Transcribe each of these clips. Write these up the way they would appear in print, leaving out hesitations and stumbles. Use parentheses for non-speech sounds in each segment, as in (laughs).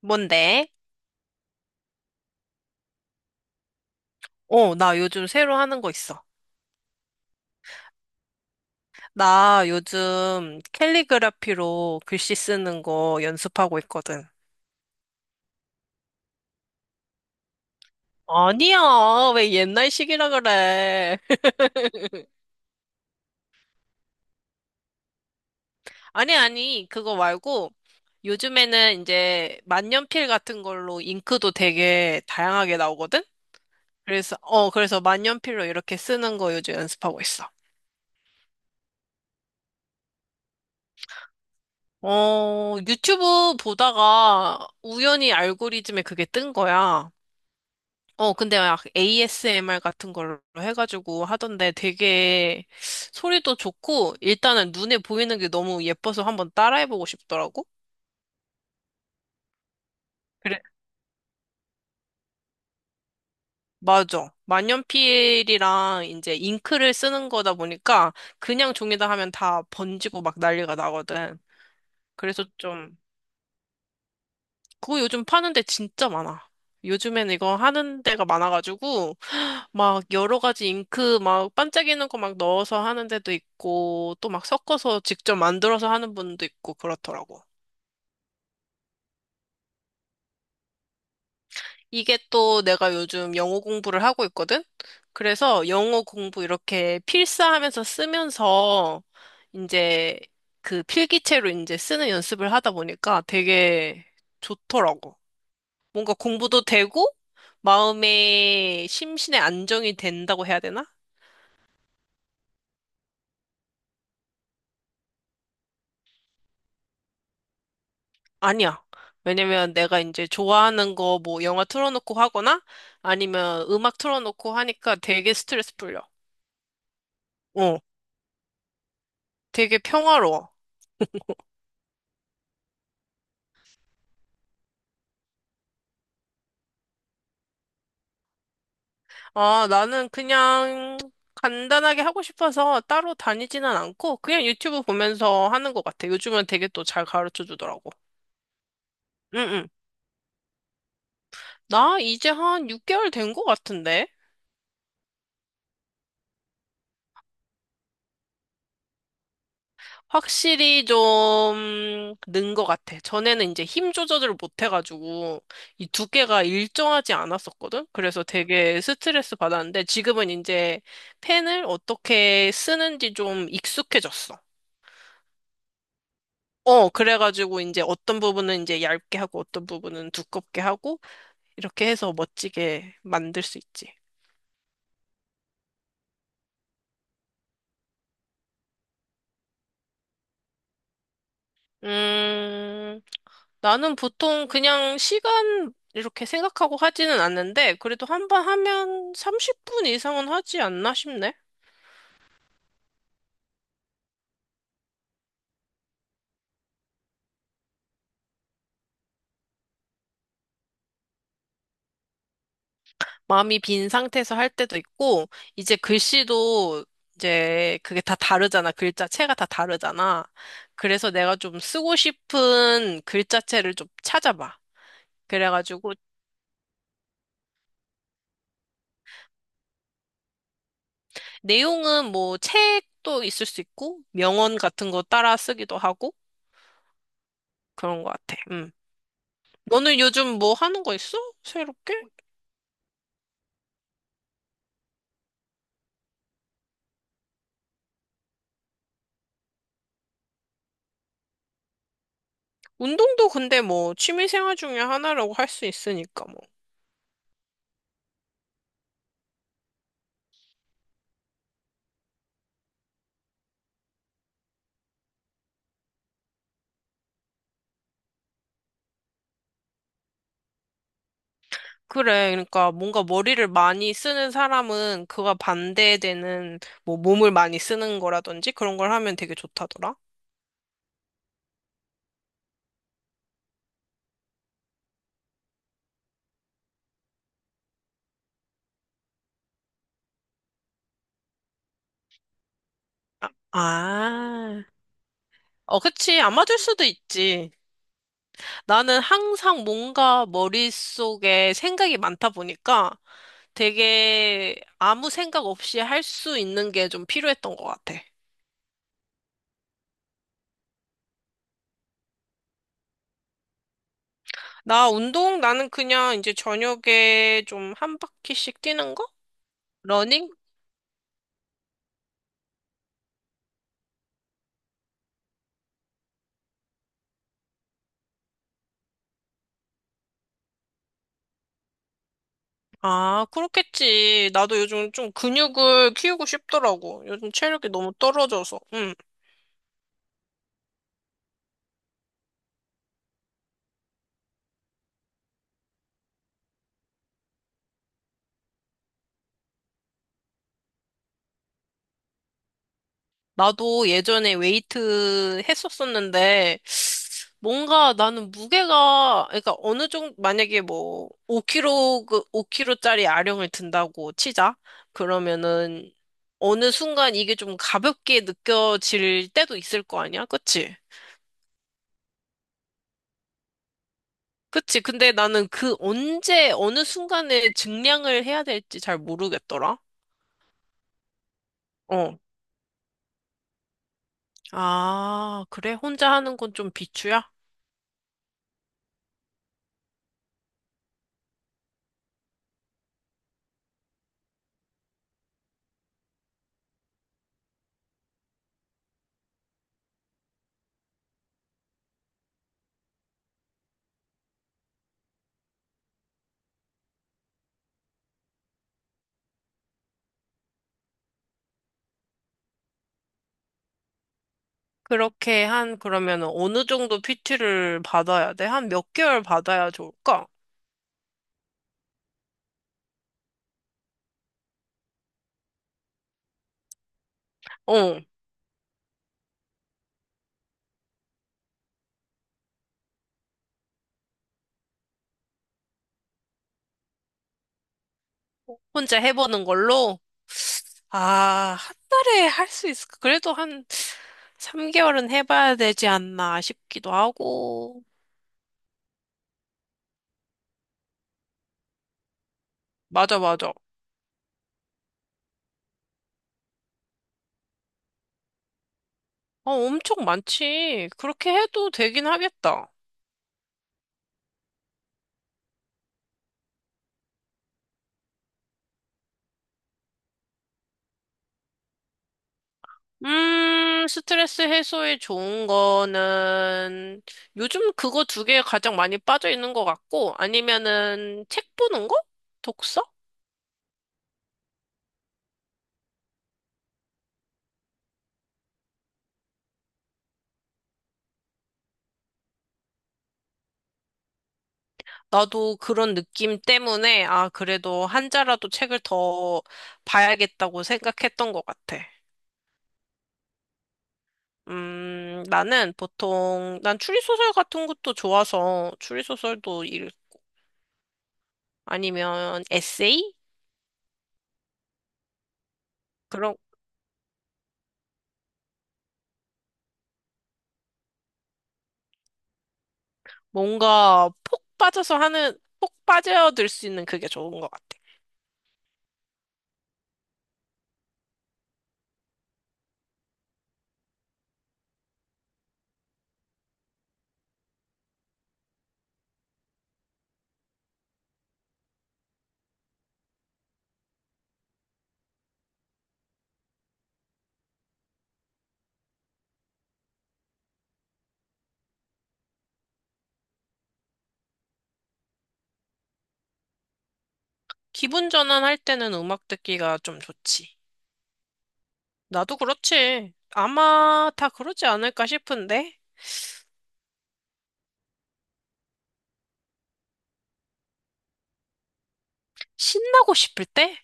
뭔데? 어, 나 요즘 새로 하는 거 있어. 나 요즘 캘리그라피로 글씨 쓰는 거 연습하고 있거든. 아니야, 왜 옛날식이라 그래. (laughs) 아니, 아니, 그거 말고 요즘에는 이제 만년필 같은 걸로 잉크도 되게 다양하게 나오거든? 그래서 만년필로 이렇게 쓰는 거 요즘 연습하고 있어. 어, 유튜브 보다가 우연히 알고리즘에 그게 뜬 거야. 어, 근데 막 ASMR 같은 걸로 해가지고 하던데 되게 소리도 좋고 일단은 눈에 보이는 게 너무 예뻐서 한번 따라해보고 싶더라고. 그래. 맞아. 만년필이랑 이제 잉크를 쓰는 거다 보니까 그냥 종이다 하면 다 번지고 막 난리가 나거든. 그래서 좀, 그거 요즘 파는 데 진짜 많아. 요즘엔 이거 하는 데가 많아가지고 막 여러 가지 잉크 막 반짝이는 거 막 넣어서 하는 데도 있고 또 막 섞어서 직접 만들어서 하는 분도 있고 그렇더라고. 이게 또 내가 요즘 영어 공부를 하고 있거든? 그래서 영어 공부 이렇게 필사하면서 쓰면서 이제 그 필기체로 이제 쓰는 연습을 하다 보니까 되게 좋더라고. 뭔가 공부도 되고 마음의 심신의 안정이 된다고 해야 되나? 아니야. 왜냐면 내가 이제 좋아하는 거 뭐 영화 틀어놓고 하거나 아니면 음악 틀어놓고 하니까 되게 스트레스 풀려. 어, 되게 평화로워. 아, 나는 그냥 간단하게 하고 싶어서 따로 다니지는 않고 그냥 유튜브 보면서 하는 것 같아. 요즘은 되게 또 잘 가르쳐 주더라고. 응, 응. 나 이제 한 6개월 된 것 같은데? 확실히 좀 는 것 같아. 전에는 이제 힘 조절을 못 해가지고 이 두께가 일정하지 않았었거든? 그래서 되게 스트레스 받았는데 지금은 이제 펜을 어떻게 쓰는지 좀 익숙해졌어. 어, 그래가지고 이제 어떤 부분은 이제 얇게 하고 어떤 부분은 두껍게 하고 이렇게 해서 멋지게 만들 수 있지. 음, 나는 보통 그냥 시간 이렇게 생각하고 하지는 않는데, 그래도 한 번 하면 30분 이상은 하지 않나 싶네. 마음이 빈 상태에서 할 때도 있고, 이제 글씨도 이제 그게 다 다르잖아. 글자체가 다 다르잖아. 그래서 내가 좀 쓰고 싶은 글자체를 좀 찾아봐. 그래가지고, 내용은 뭐 책도 있을 수 있고, 명언 같은 거 따라 쓰기도 하고, 그런 것 같아. 음. 너는 요즘 뭐 하는 거 있어? 새롭게? 운동도 근데 뭐 취미 생활 중에 하나라고 할 수 있으니까 뭐. 그래. 그러니까 뭔가 머리를 많이 쓰는 사람은 그와 반대되는 뭐 몸을 많이 쓰는 거라든지 그런 걸 하면 되게 좋다더라. 아, 아. 어, 그치. 안 맞을 수도 있지. 나는 항상 뭔가 머릿속에 생각이 많다 보니까 되게 아무 생각 없이 할 수 있는 게 좀 필요했던 것 같아. 나 운동? 나는 그냥 이제 저녁에 좀 한 바퀴씩 뛰는 거? 러닝? 아, 그렇겠지. 나도 요즘 좀 근육을 키우고 싶더라고. 요즘 체력이 너무 떨어져서. 응. 나도 예전에 웨이트 했었었는데, 뭔가 나는 무게가, 그러니까 어느 정도, 만약에 뭐, 5kg, 그 5kg짜리 아령을 든다고 치자. 그러면은, 어느 순간 이게 좀 가볍게 느껴질 때도 있을 거 아니야? 그치? 그치. 근데 나는 그 언제, 어느 순간에 증량을 해야 될지 잘 모르겠더라. 어. 아, 그래? 혼자 하는 건 좀 비추야? 그러면 어느 정도 PT를 받아야 돼? 한 몇 개월 받아야 좋을까? 어. 혼자 해보는 걸로? 아, 한 달에 할 수 있을까? 그래도 한 3개월은 해봐야 되지 않나 싶기도 하고. 맞아, 맞아. 어, 엄청 많지. 그렇게 해도 되긴 하겠다. 스트레스 해소에 좋은 거는 요즘 그거 두 개 가장 많이 빠져 있는 것 같고 아니면은 책 보는 거? 독서? 나도 그런 느낌 때문에 아, 그래도 한 자라도 책을 더 봐야겠다고 생각했던 것 같아. 나는 보통 난 추리소설 같은 것도 좋아서 추리소설도 읽고 아니면 에세이? 그런 뭔가 폭 빠져서 하는 폭 빠져들 수 있는 그게 좋은 것 같아. 기분 전환할 때는 음악 듣기가 좀 좋지. 나도 그렇지. 아마 다 그러지 않을까 싶은데? 신나고 싶을 때?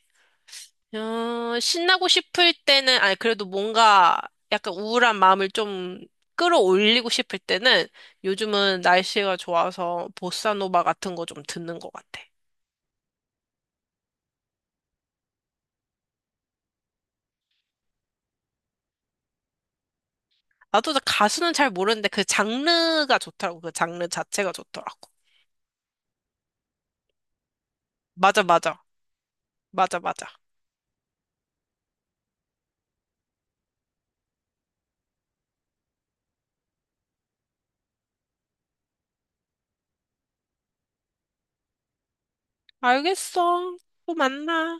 어, 신나고 싶을 때는, 아니, 그래도 뭔가 약간 우울한 마음을 좀 끌어올리고 싶을 때는 요즘은 날씨가 좋아서 보사노바 같은 거 좀 듣는 것 같아. 나도 가수는 잘 모르는데 그 장르가 좋더라고. 그 장르 자체가 좋더라고. 맞아, 맞아. 맞아, 맞아. 알겠어. 또 만나.